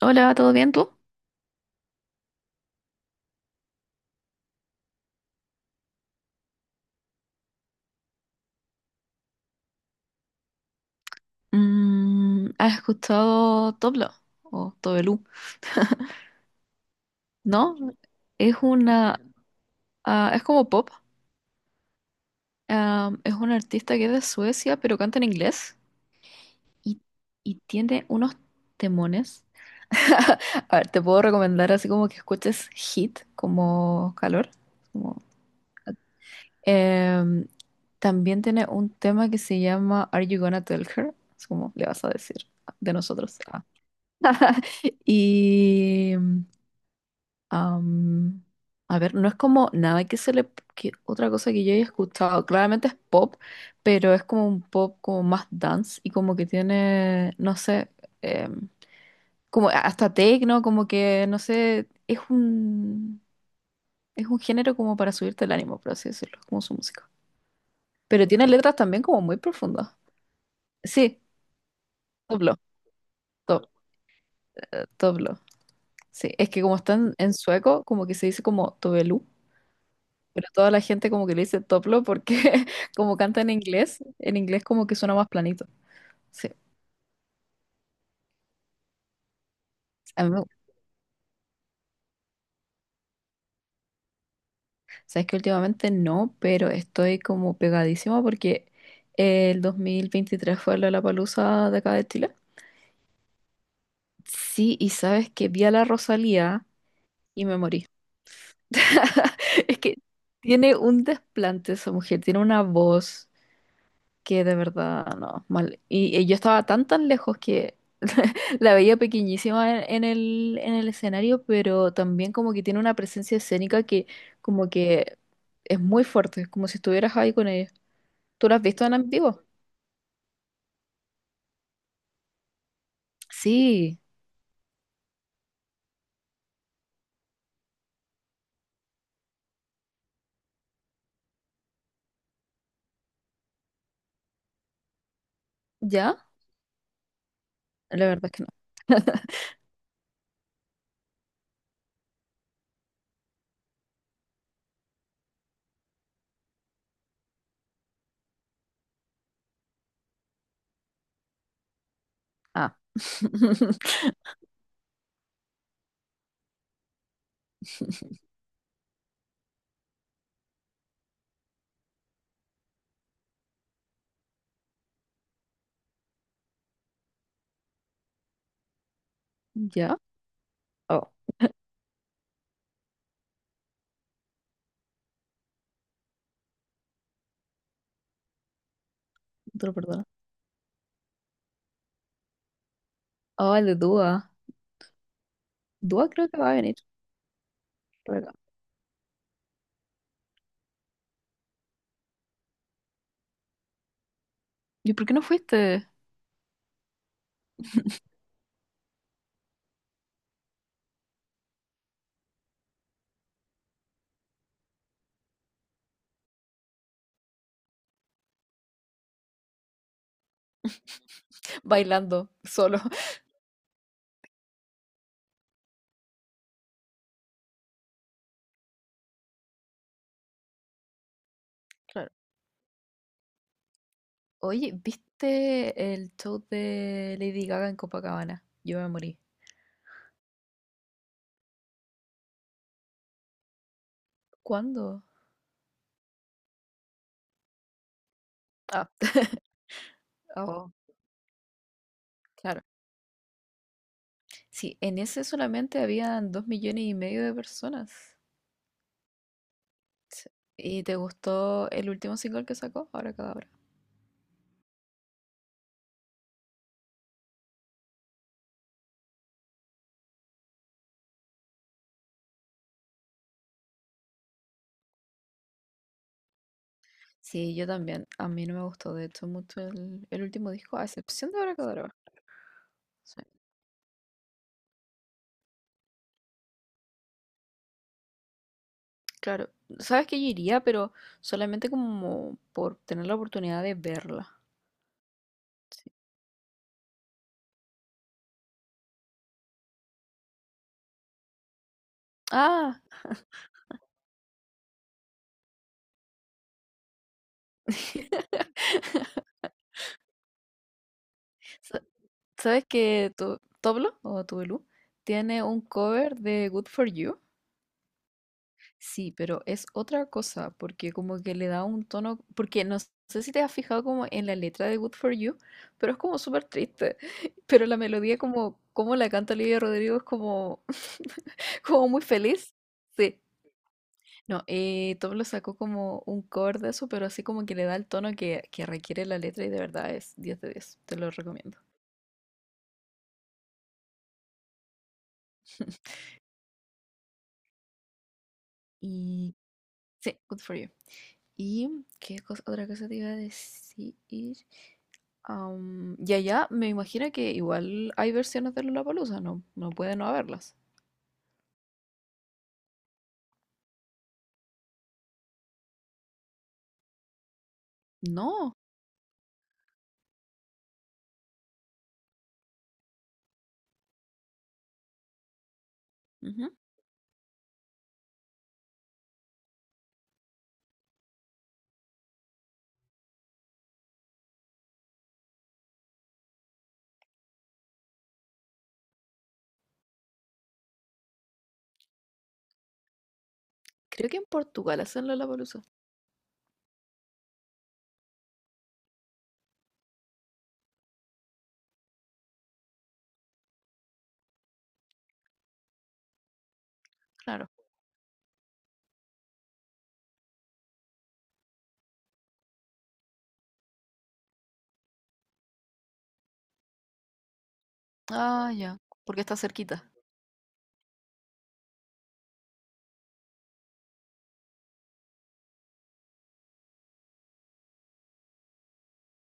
Hola, ¿todo bien tú? ¿Has escuchado Toblo o Tobelú? ¿No? Es una, ah, es como pop. Ah, es un artista que es de Suecia, pero canta en inglés y, y tiene unos temones. A ver, te puedo recomendar así como que escuches Hit, como calor. como- Em, También tiene un tema que se llama Are You Gonna Tell Her? Es como le vas a decir de nosotros. Ah. Y Am, a ver, no es como nada que se le... que otra cosa que yo haya escuchado, claramente es pop, pero es como un pop como más dance y como que tiene, no sé, em, como hasta techno, como que, no sé, es un género como para subirte el ánimo, por así decirlo, como su música. Pero tiene letras también como muy profundas. Sí, toblo, to, toblo, sí. Es que como están en sueco, como que se dice como Tobelu. Pero toda la gente como que le dice Toplo porque como canta en inglés como que suena más planito. Sí. A mí me- sabes que últimamente no, pero estoy como pegadísima porque el 2023 fue la palusa de acá de Chile. Sí, y sabes que vi a la Rosalía y me morí. Es que tiene un desplante esa mujer, tiene una voz que de verdad, no, mal. Y yo estaba tan tan lejos que la veía pequeñísima en el escenario, pero también como que tiene una presencia escénica que como que es muy fuerte, es como si estuvieras ahí con ella. ¿Tú la has visto en vivo? Sí, ¿ya? La verdad es que no. Ah. ¿Ya? Oh, te lo perdono. Oh, el de Dua. Dua creo que va a venir por acá. ¿Y por qué no fuiste? Bailando, solo. Oye, ¿viste el show de Lady Gaga en Copacabana? Yo me morí. ¿Cuándo? Ah, oh, claro. Sí, en ese solamente habían 2,5 millones de personas. Sí. ¿Y te gustó el último single que sacó? Ahora Cadabra. Sí, yo también. A mí no me gustó de hecho mucho el último disco, a excepción de Ahora Cadabra. Sí. Claro, sabes que yo iría, pero solamente como por tener la oportunidad de verla. Ah, Sa- ¿Sabes que tu Toblo o Tubelú tiene un cover de Good For You? Sí, pero es otra cosa, porque como que le da un tono, porque no sé si te has fijado como en la letra de Good For You, pero es como súper triste, pero la melodía como la canta Olivia Rodrigo es como, como muy feliz. Sí. No, Toblo sacó como un cover de eso, pero así como que le da el tono que requiere la letra y de verdad es 10 de 10, te lo recomiendo. Y sí, good for you. ¿Y otra cosa te iba a decir? Y allá me imagino que igual hay versiones de Lollapalooza, no, no puede no haberlas. No, ujú. Creo que en Portugal hacen Lollapalooza, claro. Ah, ya, porque está cerquita.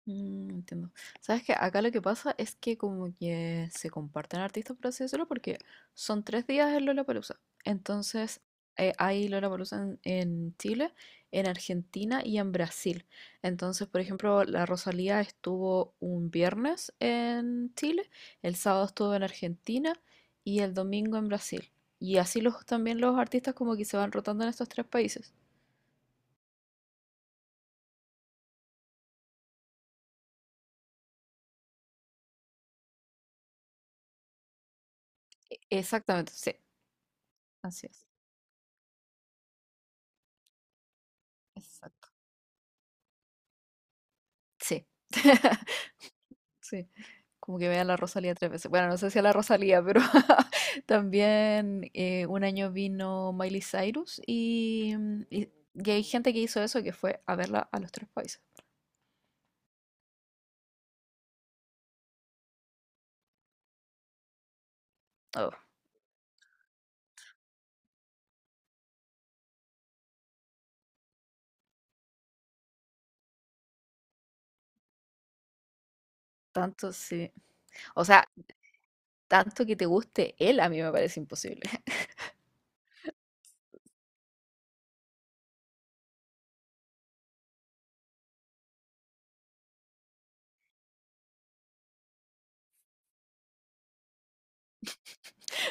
Mm, entiendo. ¿Sabes que acá lo que pasa es que como que se comparten artistas, por así decirlo, porque son 3 días en Lollapalooza. Entonces, hay Lollapalooza en Chile, en Argentina y en Brasil. Entonces, por ejemplo, la Rosalía estuvo un viernes en Chile, el sábado estuvo en Argentina y el domingo en Brasil. Y así también los artistas como que se van rotando en estos tres países. Exactamente, sí, así es. Exacto. Sí. Sí, como que vea a la Rosalía tres veces. Bueno, no sé si a la Rosalía, pero también un año vino Miley Cyrus y hay gente que hizo eso que fue a verla a los tres países. Oh, tanto sí. O sea, tanto que te guste él a mí me parece imposible.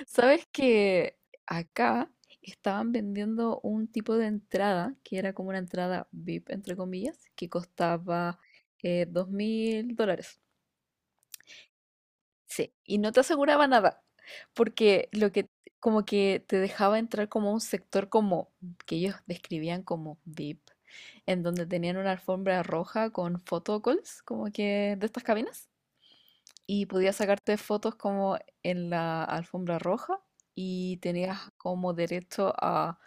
¿Sabes que acá estaban vendiendo un tipo de entrada que era como una entrada VIP, entre comillas, que costaba US$2.000? Sí, y no te aseguraba nada, porque lo que como que te dejaba entrar como a un sector como que ellos describían como VIP, en donde tenían una alfombra roja con photocalls, como que de estas cabinas, y podías sacarte fotos como en la alfombra roja y tenías como derecho a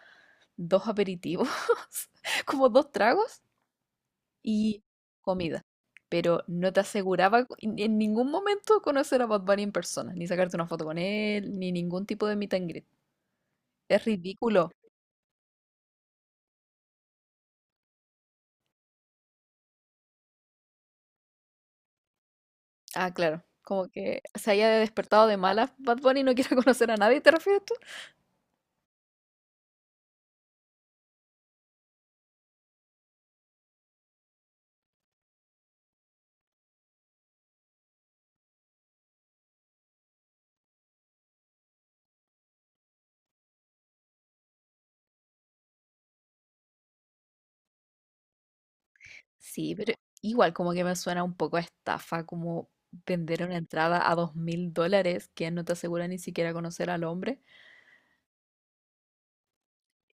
dos aperitivos, como dos tragos y comida. Pero no te aseguraba en ningún momento conocer a Bad Bunny en persona, ni sacarte una foto con él, ni ningún tipo de meet and greet. Es ridículo. Ah, claro. Como que se haya despertado de malas Bad Bunny y no quiera conocer a nadie, ¿te refieres tú? Sí, pero igual como que me suena un poco a estafa, como vender una entrada a US$2.000 que no te asegura ni siquiera conocer al hombre.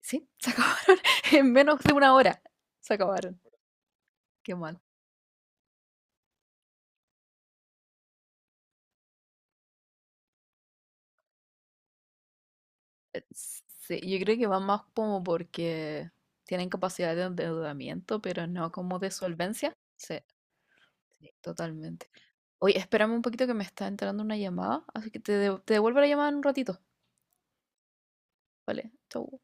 Sí, se acabaron en menos de una hora. Se acabaron. Qué mal. Sí, yo creo que va más como porque tienen capacidad de endeudamiento, pero no como de solvencia. Sí, sí, totalmente. Oye, espérame un poquito que me está entrando una llamada, así que te devuelvo la llamada en un ratito. Vale, chau.